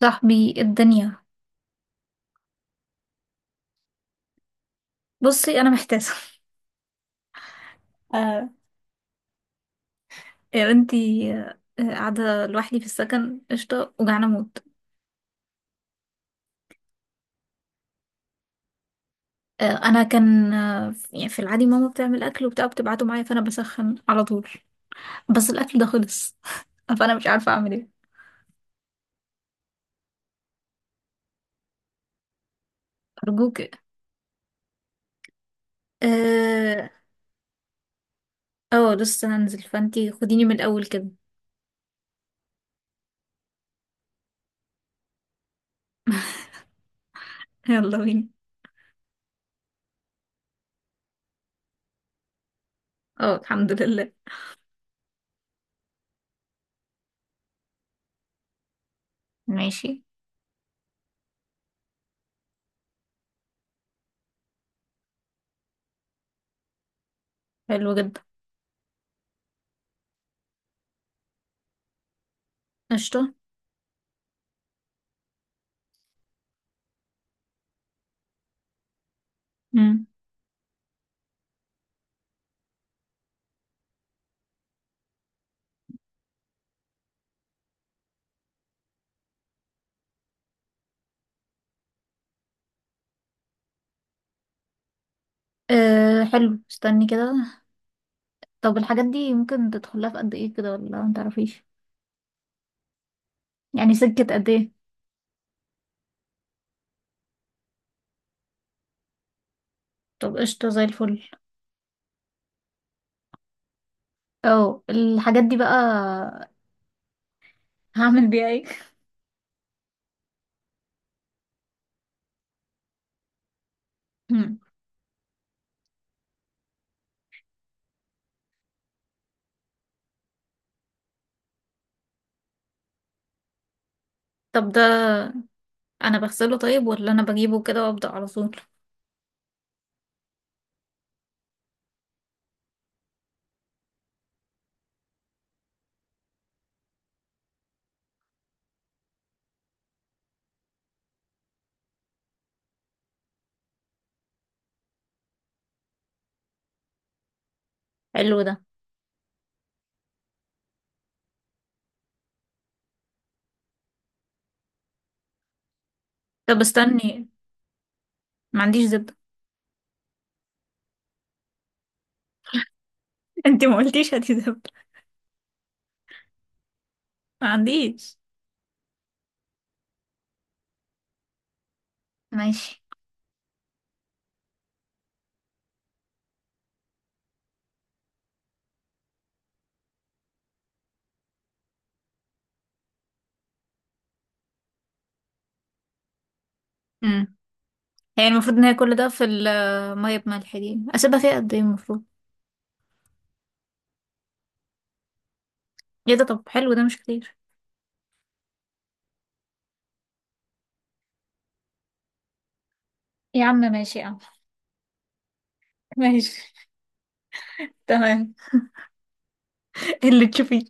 صاحبي الدنيا. بصي، انا محتاسه. آه يا بنتي، قاعده لوحدي في السكن قشطه، وجعانه موت. انا كان يعني في العادي ماما بتعمل اكل وبتاع بتبعته معايا، فانا بسخن على طول. بس الاكل ده خلص. فانا مش عارفه اعمل ايه. ارجوك. اه. اه، لسه هنزل، فانتي خديني من الاول كده. يلا بينا. اه الحمد لله. ماشي. حلو جدا. قشطه. مم. آه حلو، استني كده. طب الحاجات دي ممكن تدخلها في قد ايه كده ولا متعرفيش؟ يعني سكة قد ايه؟ طب قشطة، زي الفل. اه، الحاجات دي بقى هعمل بيها ايه؟ هم. طب ده، انا بغسله طيب ولا انا بجيبه كده وابدأ على طول؟ حلو ده. طب استني، ما عنديش زبدة. انت ما قلتيش هاتي زبدة. ما عنديش. ماشي. امم، هي المفروض ان هي كل ده في المية بملح دي اسيبها فيها قد ايه المفروض؟ ايه ده؟ طب حلو ده، مش كتير. يا عم ماشي يا عم، ماشي، تمام. اللي تشوفيه.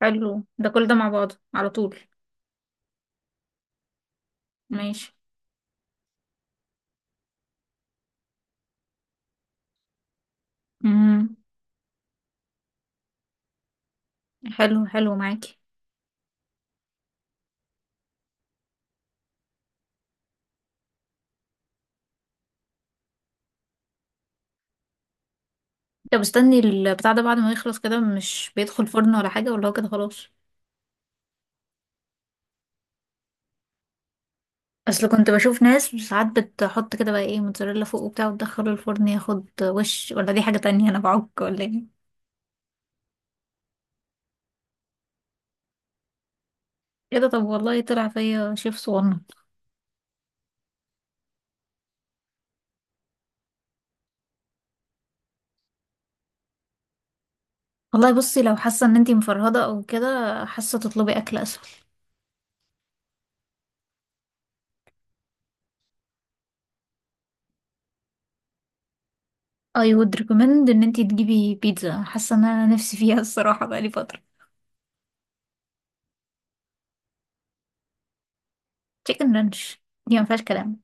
حلو ده، كل ده مع بعضه على طول؟ ماشي. امم، حلو حلو معاكي. طب استني، البتاع ده بعد ما يخلص كده مش بيدخل فرن ولا حاجة، ولا هو كده خلاص؟ اصل كنت بشوف ناس ساعات بتحط كده بقى ايه موتزاريلا فوق وبتاع وتدخله الفرن ياخد وش، ولا دي حاجة تانية انا بعك ولا ايه؟ كده؟ طب والله طلع فيا شيف صغنن. والله بصي، لو حاسة ان انتي مفرهدة او كده حاسة، تطلبي اكل اسهل. I would recommend ان انتي تجيبي بيتزا، حاسة ان انا نفسي فيها الصراحة بقالي فترة. تشيكن رانش، دي ما فيهاش كلام.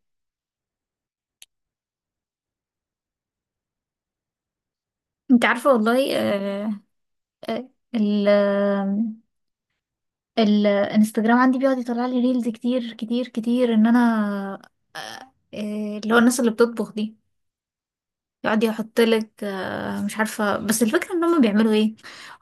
انت عارفة والله؟ آه. آه. ال الانستجرام عندي بيقعد يطلع لي ريلز كتير كتير كتير ان انا، اللي هو الناس اللي بتطبخ دي يقعد يحط لك، مش عارفة، بس الفكرة ان هم بيعملوا ايه.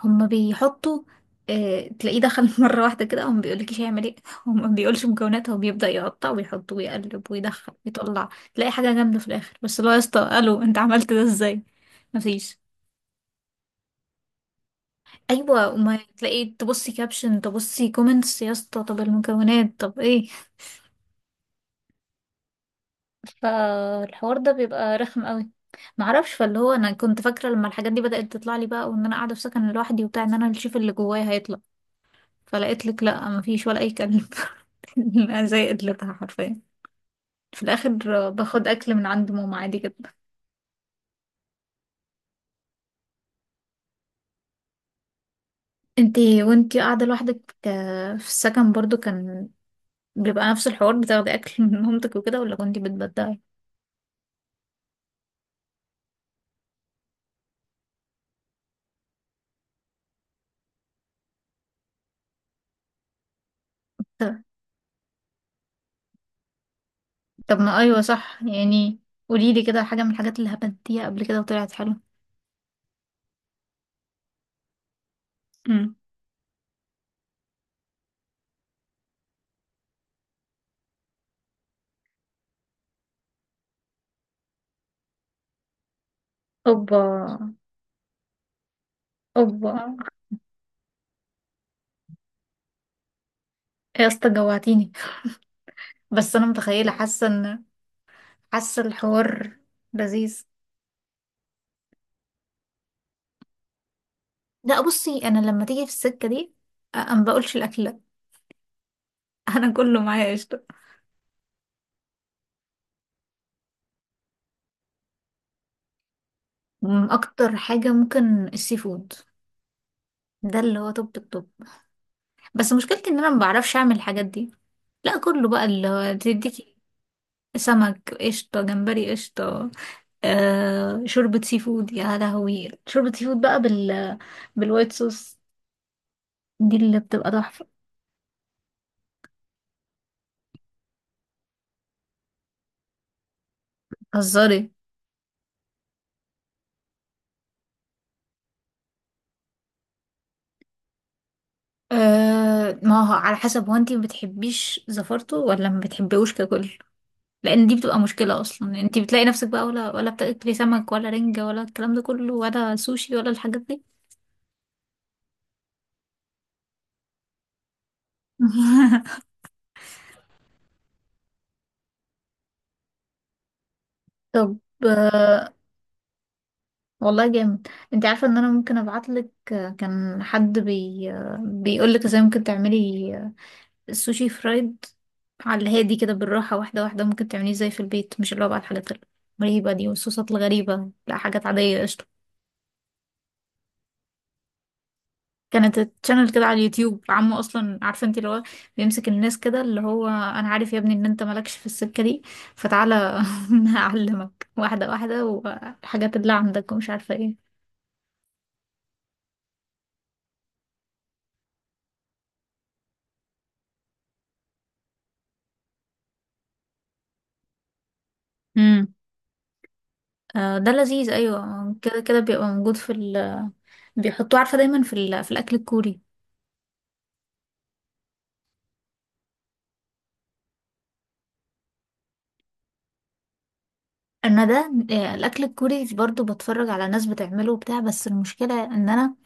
هم بيحطوا، تلاقيه دخل مرة واحدة كده، هو ما بيقولكيش هيعمل ايه، هو ما بيقولش مكوناتها وبيبدأ يقطع ويحط ويقلب ويدخل ويطلع، تلاقي حاجة جامدة في الاخر. بس اللي هو يا اسطى، الو انت عملت ده ازاي؟ مفيش. ايوه، وما تلاقي تبصي كابشن، تبصي كومنتس، يا اسطى طب المكونات طب ايه؟ فالحوار ده بيبقى رخم قوي. معرفش، فاللي هو انا كنت فاكره لما الحاجات دي بدات تطلع لي بقى، وان انا قاعده في سكن لوحدي وبتاع، ان انا اللي اشوف اللي جوايا هيطلع، فلقيت لك لا مفيش ولا اي كلب. أنا زي قدرتها حرفيا في الاخر، باخد اكل من عند ماما عادي جدا. انتي وانتي قاعده لوحدك، في السكن برضو كان بيبقى نفس الحوار؟ بتاخدي اكل من مامتك وكده ولا كنتي بتبدعي؟ طب ما ايوه صح. يعني قولي لي كده حاجه من الحاجات اللي هبنتيها قبل كده وطلعت حلوه. امم. اوبا. اوبا يا اسطى جوعتيني. بس انا متخيله حاسه ان، حاسه الحوار لذيذ. لا بصي، انا لما تيجي في السكه دي، انا ما بقولش الاكل لا. انا كله معايا قشطه. اكتر حاجه ممكن السي فود. ده اللي هو توب التوب. بس مشكلتي ان انا ما بعرفش اعمل الحاجات دي. لا كله، بقى اللي هو تديكي سمك قشطه، جمبري قشطه، آه شوربة سي فود، يا لهوي شوربة سي فود بقى بال، بالوايت صوص، دي اللي بتبقى تحفة. هزاري. آه ما هو على حسب، هو انتي ما بتحبيش زفرته ولا ما بتحبيهوش ككل؟ لان دي بتبقى مشكلة. اصلا انتي بتلاقي نفسك بقى ولا بتاكلي سمك، ولا رنجة، ولا الكلام ده كله، ولا سوشي، ولا الحاجات دي. طب. آه، والله جامد. انت عارفة ان انا ممكن ابعتلك، كان حد بي، بيقولك ازاي ممكن تعملي السوشي فرايد. على الهادي كده، بالراحة، واحدة واحدة، ممكن تعمليه زي في البيت، مش اللي هو بقى الحاجات الغريبة دي والصوصات الغريبة، لا حاجات عادية قشطة. كانت تشانل كده على اليوتيوب، عمو اصلا عارفه انت اللي هو بيمسك الناس كده، اللي هو انا عارف يا ابني ان انت مالكش في السكه دي، فتعالى. أنا هعلمك واحده واحده والحاجات اللي عندك ومش عارفه ايه. امم. آه، ده لذيذ. ايوه كده كده بيبقى موجود في ال، بيحطوه عارفه دايما في الاكل الكوري. انا ده الاكل الكوري برضو بتفرج على ناس بتعمله وبتاع، بس المشكله ان انا،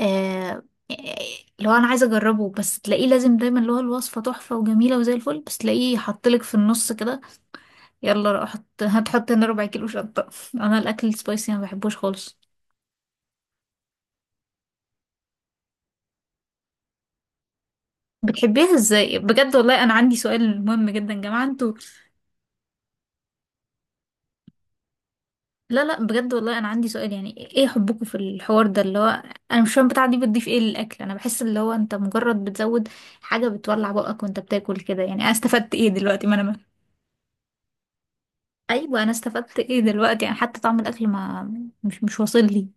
آه اللي هو انا عايزه اجربه، بس تلاقيه لازم دايما اللي هو الوصفه تحفه وجميله وزي الفل، بس تلاقيه حطلك في النص كده يلا روح هتحط هنا ربع كيلو شطه. انا الاكل السبايسي ما بحبوش خالص. بتحبيها ازاي بجد؟ والله انا عندي سؤال مهم جدا يا جماعه انتوا. لا لا، بجد والله انا عندي سؤال، يعني ايه حبكم في الحوار ده اللي هو، انا مش فاهم بتاع دي بتضيف ايه للاكل. انا بحس اللي هو انت مجرد بتزود حاجه بتولع بقك وانت بتاكل كده. يعني انا استفدت ايه دلوقتي؟ ما انا ما. ايوه، انا استفدت ايه دلوقتي؟ يعني حتى طعم الاكل ما، مش واصل لي.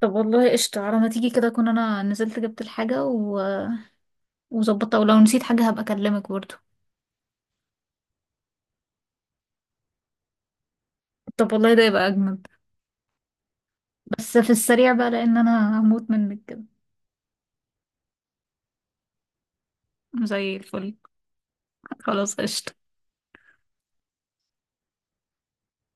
طب والله قشطة، على ما تيجي كده اكون انا نزلت جبت الحاجه و... وظبطتها، ولو نسيت حاجه هبقى اكلمك برضه. طب والله ده يبقى اجمد. بس في السريع بقى، لان انا هموت منك كده. زي الفل. خلاص قشطة.